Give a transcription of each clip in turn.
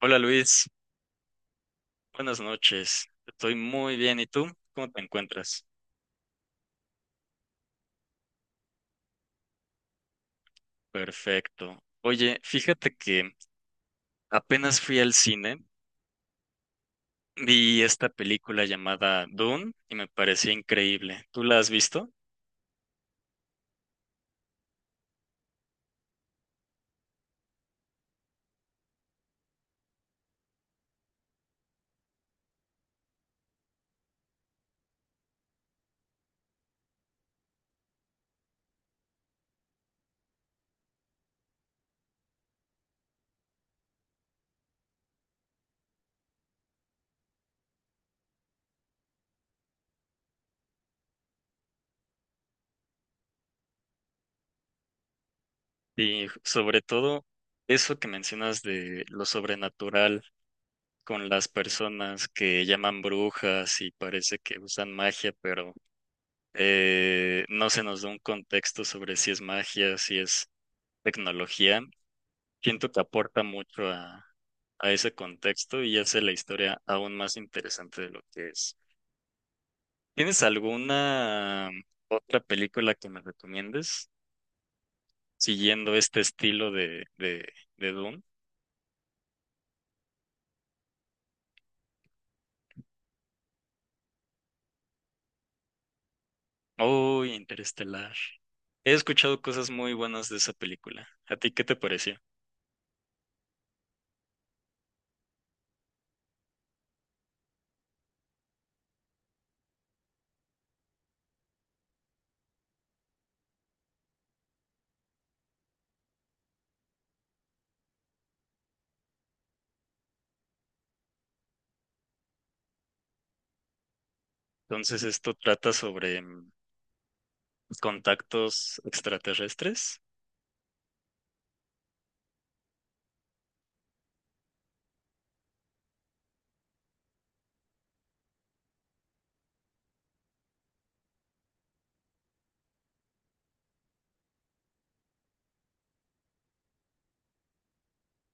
Hola Luis, buenas noches. Estoy muy bien. ¿Y tú? ¿Cómo te encuentras? Perfecto. Oye, fíjate que apenas fui al cine, vi esta película llamada Dune y me pareció increíble. ¿Tú la has visto? Y sobre todo eso que mencionas de lo sobrenatural con las personas que llaman brujas y parece que usan magia, pero no se nos da un contexto sobre si es magia, si es tecnología. Siento que aporta mucho a ese contexto y hace la historia aún más interesante de lo que es. ¿Tienes alguna otra película que me recomiendes siguiendo este estilo de Dune? Oh, Interestelar. He escuchado cosas muy buenas de esa película. ¿A ti qué te pareció? Entonces, esto trata sobre contactos extraterrestres.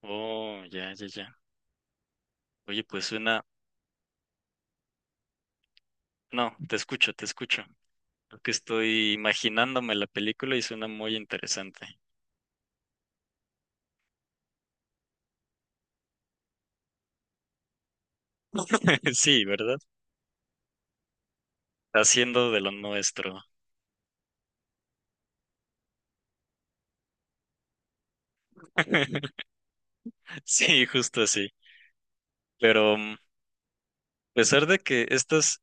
Oh, ya, ya, ya. Oye, pues suena... No, te escucho, te escucho. Creo que estoy imaginándome la película y suena muy interesante. Sí, ¿verdad? Haciendo de lo nuestro. Sí, justo así. Pero a pesar de que estas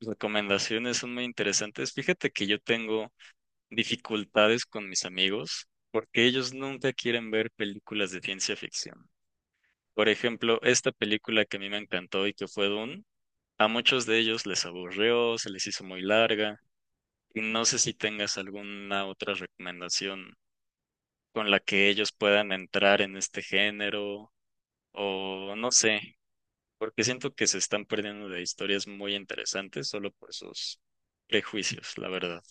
recomendaciones son muy interesantes, fíjate que yo tengo dificultades con mis amigos porque ellos nunca quieren ver películas de ciencia ficción. Por ejemplo, esta película que a mí me encantó y que fue Dune, a muchos de ellos les aburrió, se les hizo muy larga. Y no sé si tengas alguna otra recomendación con la que ellos puedan entrar en este género o no sé, porque siento que se están perdiendo de historias muy interesantes solo por sus prejuicios, la verdad.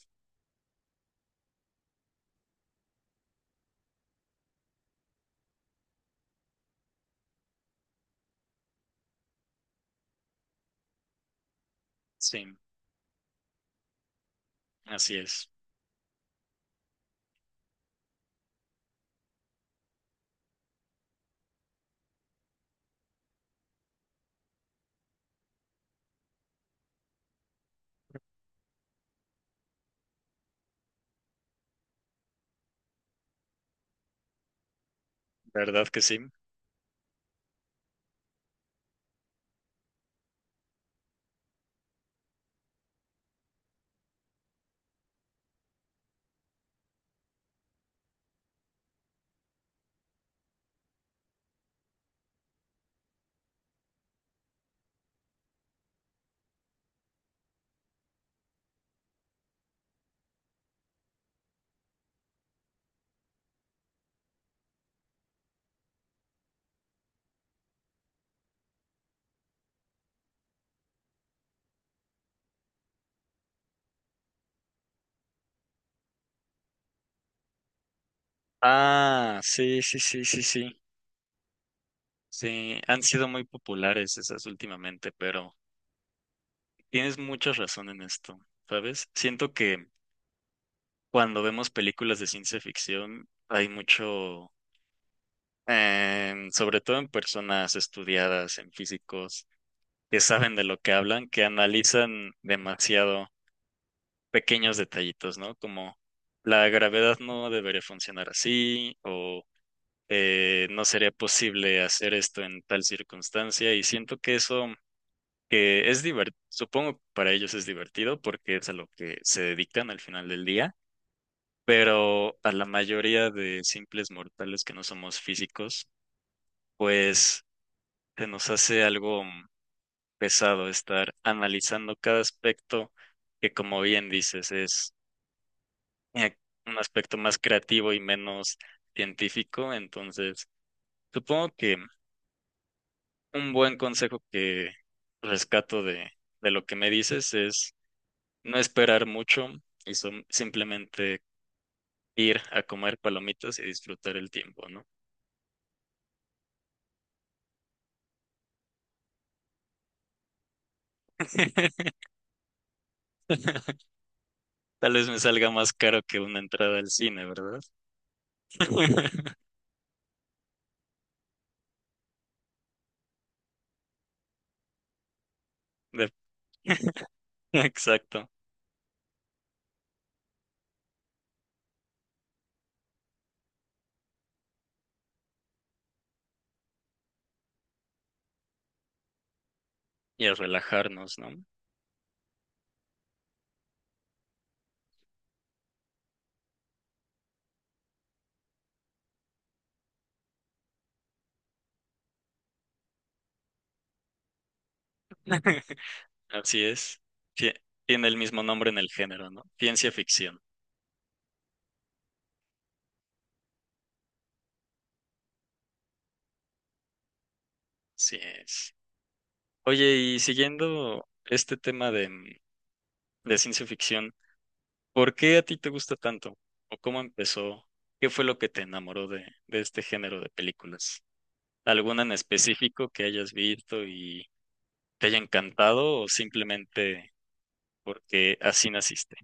Sí, así es. ¿Verdad que sí? Ah, sí, sí, sí, sí, sí. Sí, han sido muy populares esas últimamente, pero tienes mucha razón en esto, ¿sabes? Siento que cuando vemos películas de ciencia ficción hay mucho, sobre todo en personas estudiadas, en físicos, que saben de lo que hablan, que analizan demasiado pequeños detallitos, ¿no? Como la gravedad no debería funcionar así o no sería posible hacer esto en tal circunstancia y siento que eso que es divertido, supongo que para ellos es divertido porque es a lo que se dedican al final del día, pero a la mayoría de simples mortales que no somos físicos, pues se nos hace algo pesado estar analizando cada aspecto que, como bien dices, es eh, un aspecto más creativo y menos científico. Entonces, supongo que un buen consejo que rescato de lo que me dices es no esperar mucho y simplemente ir a comer palomitas y disfrutar el tiempo, ¿no? Tal vez me salga más caro que una entrada al cine, ¿verdad? De- Exacto. Y a relajarnos, ¿no? Así es. Tie- Tiene el mismo nombre en el género, ¿no? Ciencia ficción. Así es. Oye, y siguiendo este tema de ciencia ficción, ¿por qué a ti te gusta tanto? ¿O cómo empezó? ¿Qué fue lo que te enamoró de este género de películas? ¿Alguna en específico que hayas visto y te haya encantado o simplemente porque así naciste?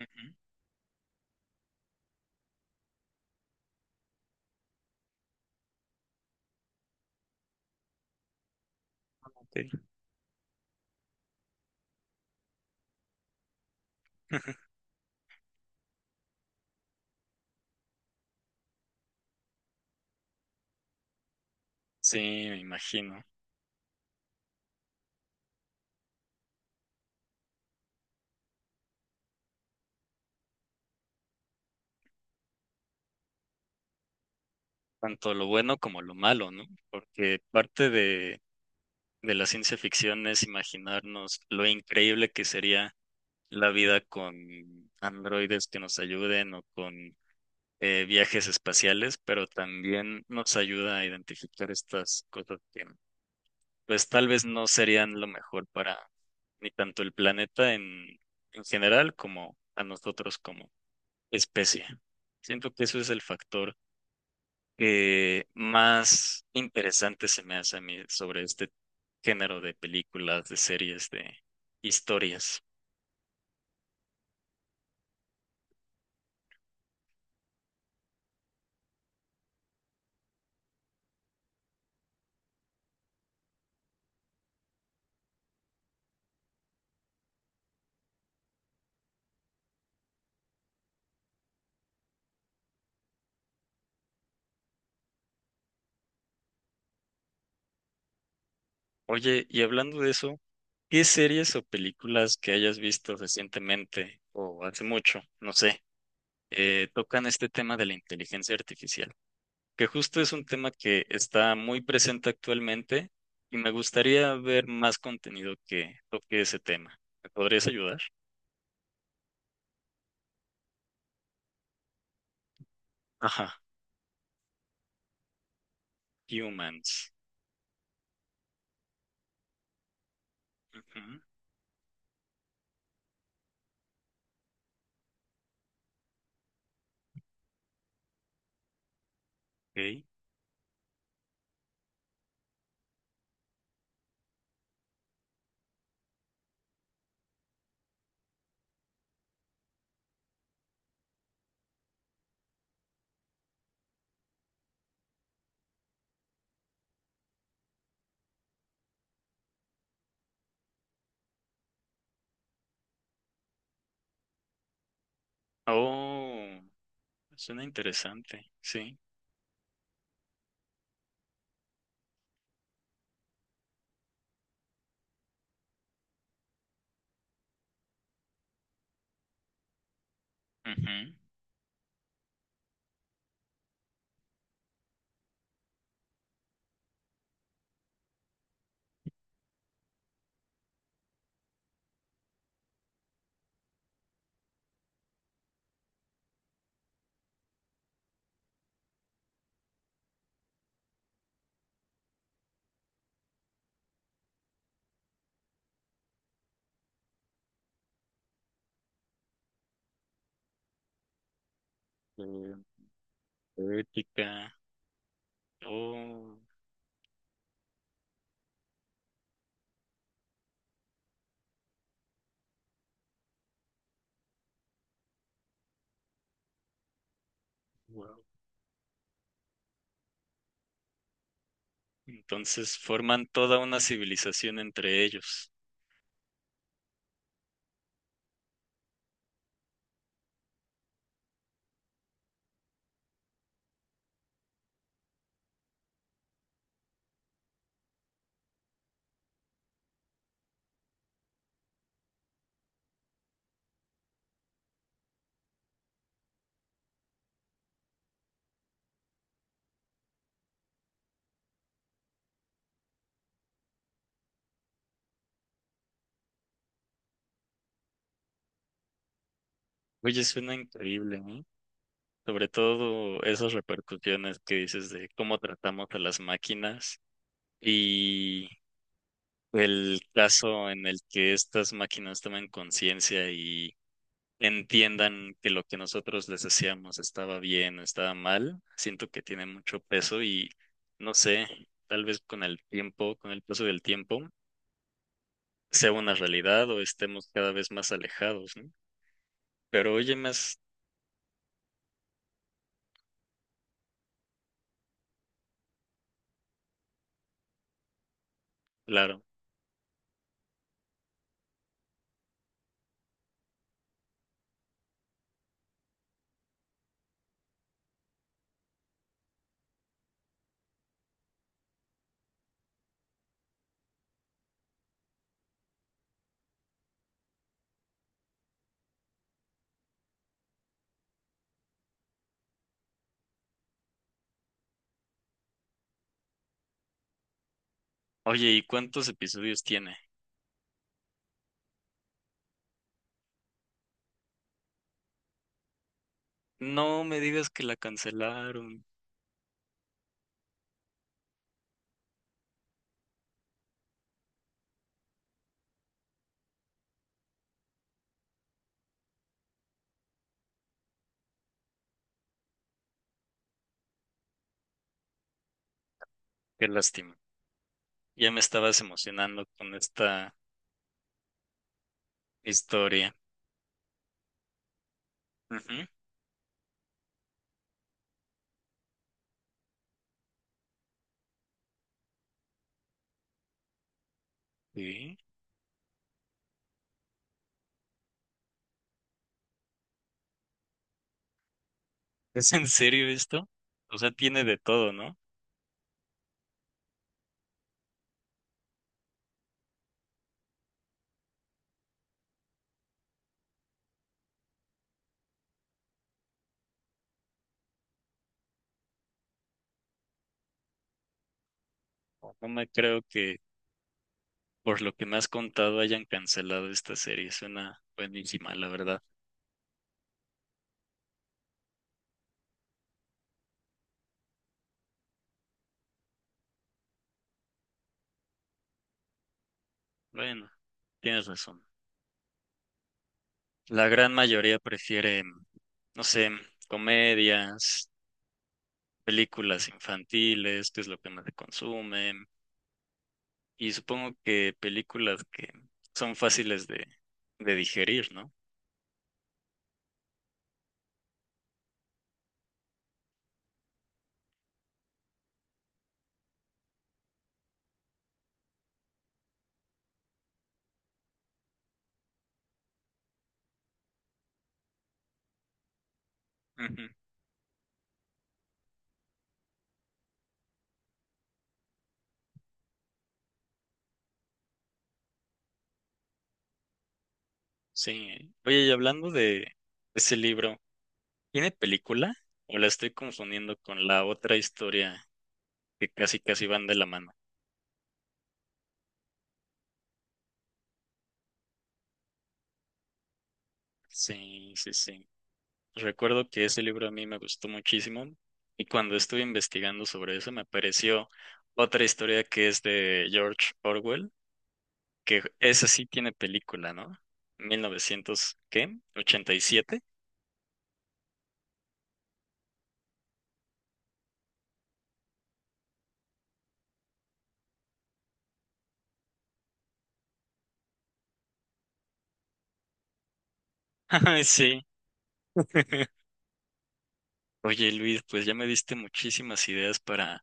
Ujú, ok. Sí, me imagino. Tanto lo bueno como lo malo, ¿no? Porque parte de la ciencia ficción es imaginarnos lo increíble que sería la vida con androides que nos ayuden o con viajes espaciales, pero también nos ayuda a identificar estas cosas que pues tal vez no serían lo mejor para ni tanto el planeta en general como a nosotros como especie. Siento que eso es el factor que más interesante se me hace a mí sobre este género de películas, de series, de historias. Oye, y hablando de eso, ¿qué series o películas que hayas visto recientemente o hace mucho, no sé, tocan este tema de la inteligencia artificial? Que justo es un tema que está muy presente actualmente y me gustaría ver más contenido que toque ese tema. ¿Me podrías ayudar? Ajá, Humans. Ujú, ok. Oh, suena interesante, sí. Ujú, eh, ética. Oh, wow. Entonces forman toda una civilización entre ellos. Oye, suena increíble, ¿eh? Sobre todo esas repercusiones que dices de cómo tratamos a las máquinas y el caso en el que estas máquinas toman conciencia entiendan que lo que nosotros les decíamos estaba bien o estaba mal, siento que tiene mucho peso y no sé, tal vez con el tiempo, con el paso del tiempo, sea una realidad o estemos cada vez más alejados, ¿no? Pero oye, más claro, oye, ¿y cuántos episodios tiene? No me digas que la cancelaron. Qué lástima. Ya me estabas emocionando con esta historia. Ujú. Sí. ¿Es en serio esto? O sea, tiene de todo, ¿no? No me creo que por lo que me has contado, hayan cancelado esta serie. Suena buenísima, la verdad. Bueno, tienes razón. La gran mayoría prefiere, no sé, comedias, películas infantiles, que es lo que más se consume. Y supongo que películas que son fáciles de digerir, ¿no? Ujú, sí. Oye, y hablando de ese libro, ¿tiene película? ¿O la estoy confundiendo con la otra historia que casi casi van de la mano? Sí, sí, sí. Recuerdo que ese libro a mí me gustó muchísimo y cuando estuve investigando sobre eso me apareció otra historia que es de George Orwell, que esa sí tiene película, ¿no? ¿1900 qué? ¿87? Ay, sí. Oye, Luis, pues ya me diste muchísimas ideas para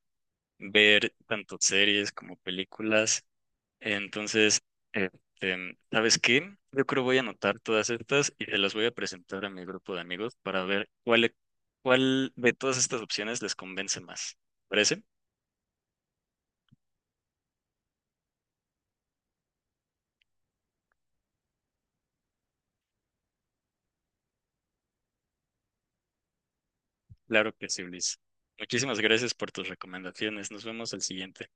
ver tanto series como películas. Entonces, ¿sabes qué? Yo creo voy a anotar todas estas y se las voy a presentar a mi grupo de amigos para ver cuál, cuál de todas estas opciones les convence más. ¿Parece? Claro que sí, Luis. Muchísimas gracias por tus recomendaciones. Nos vemos al siguiente.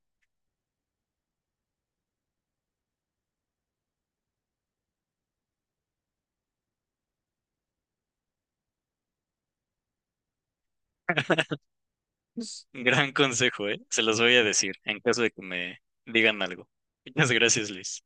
Gran consejo, ¿eh? Se los voy a decir en caso de que me digan algo. Muchas gracias, Luis.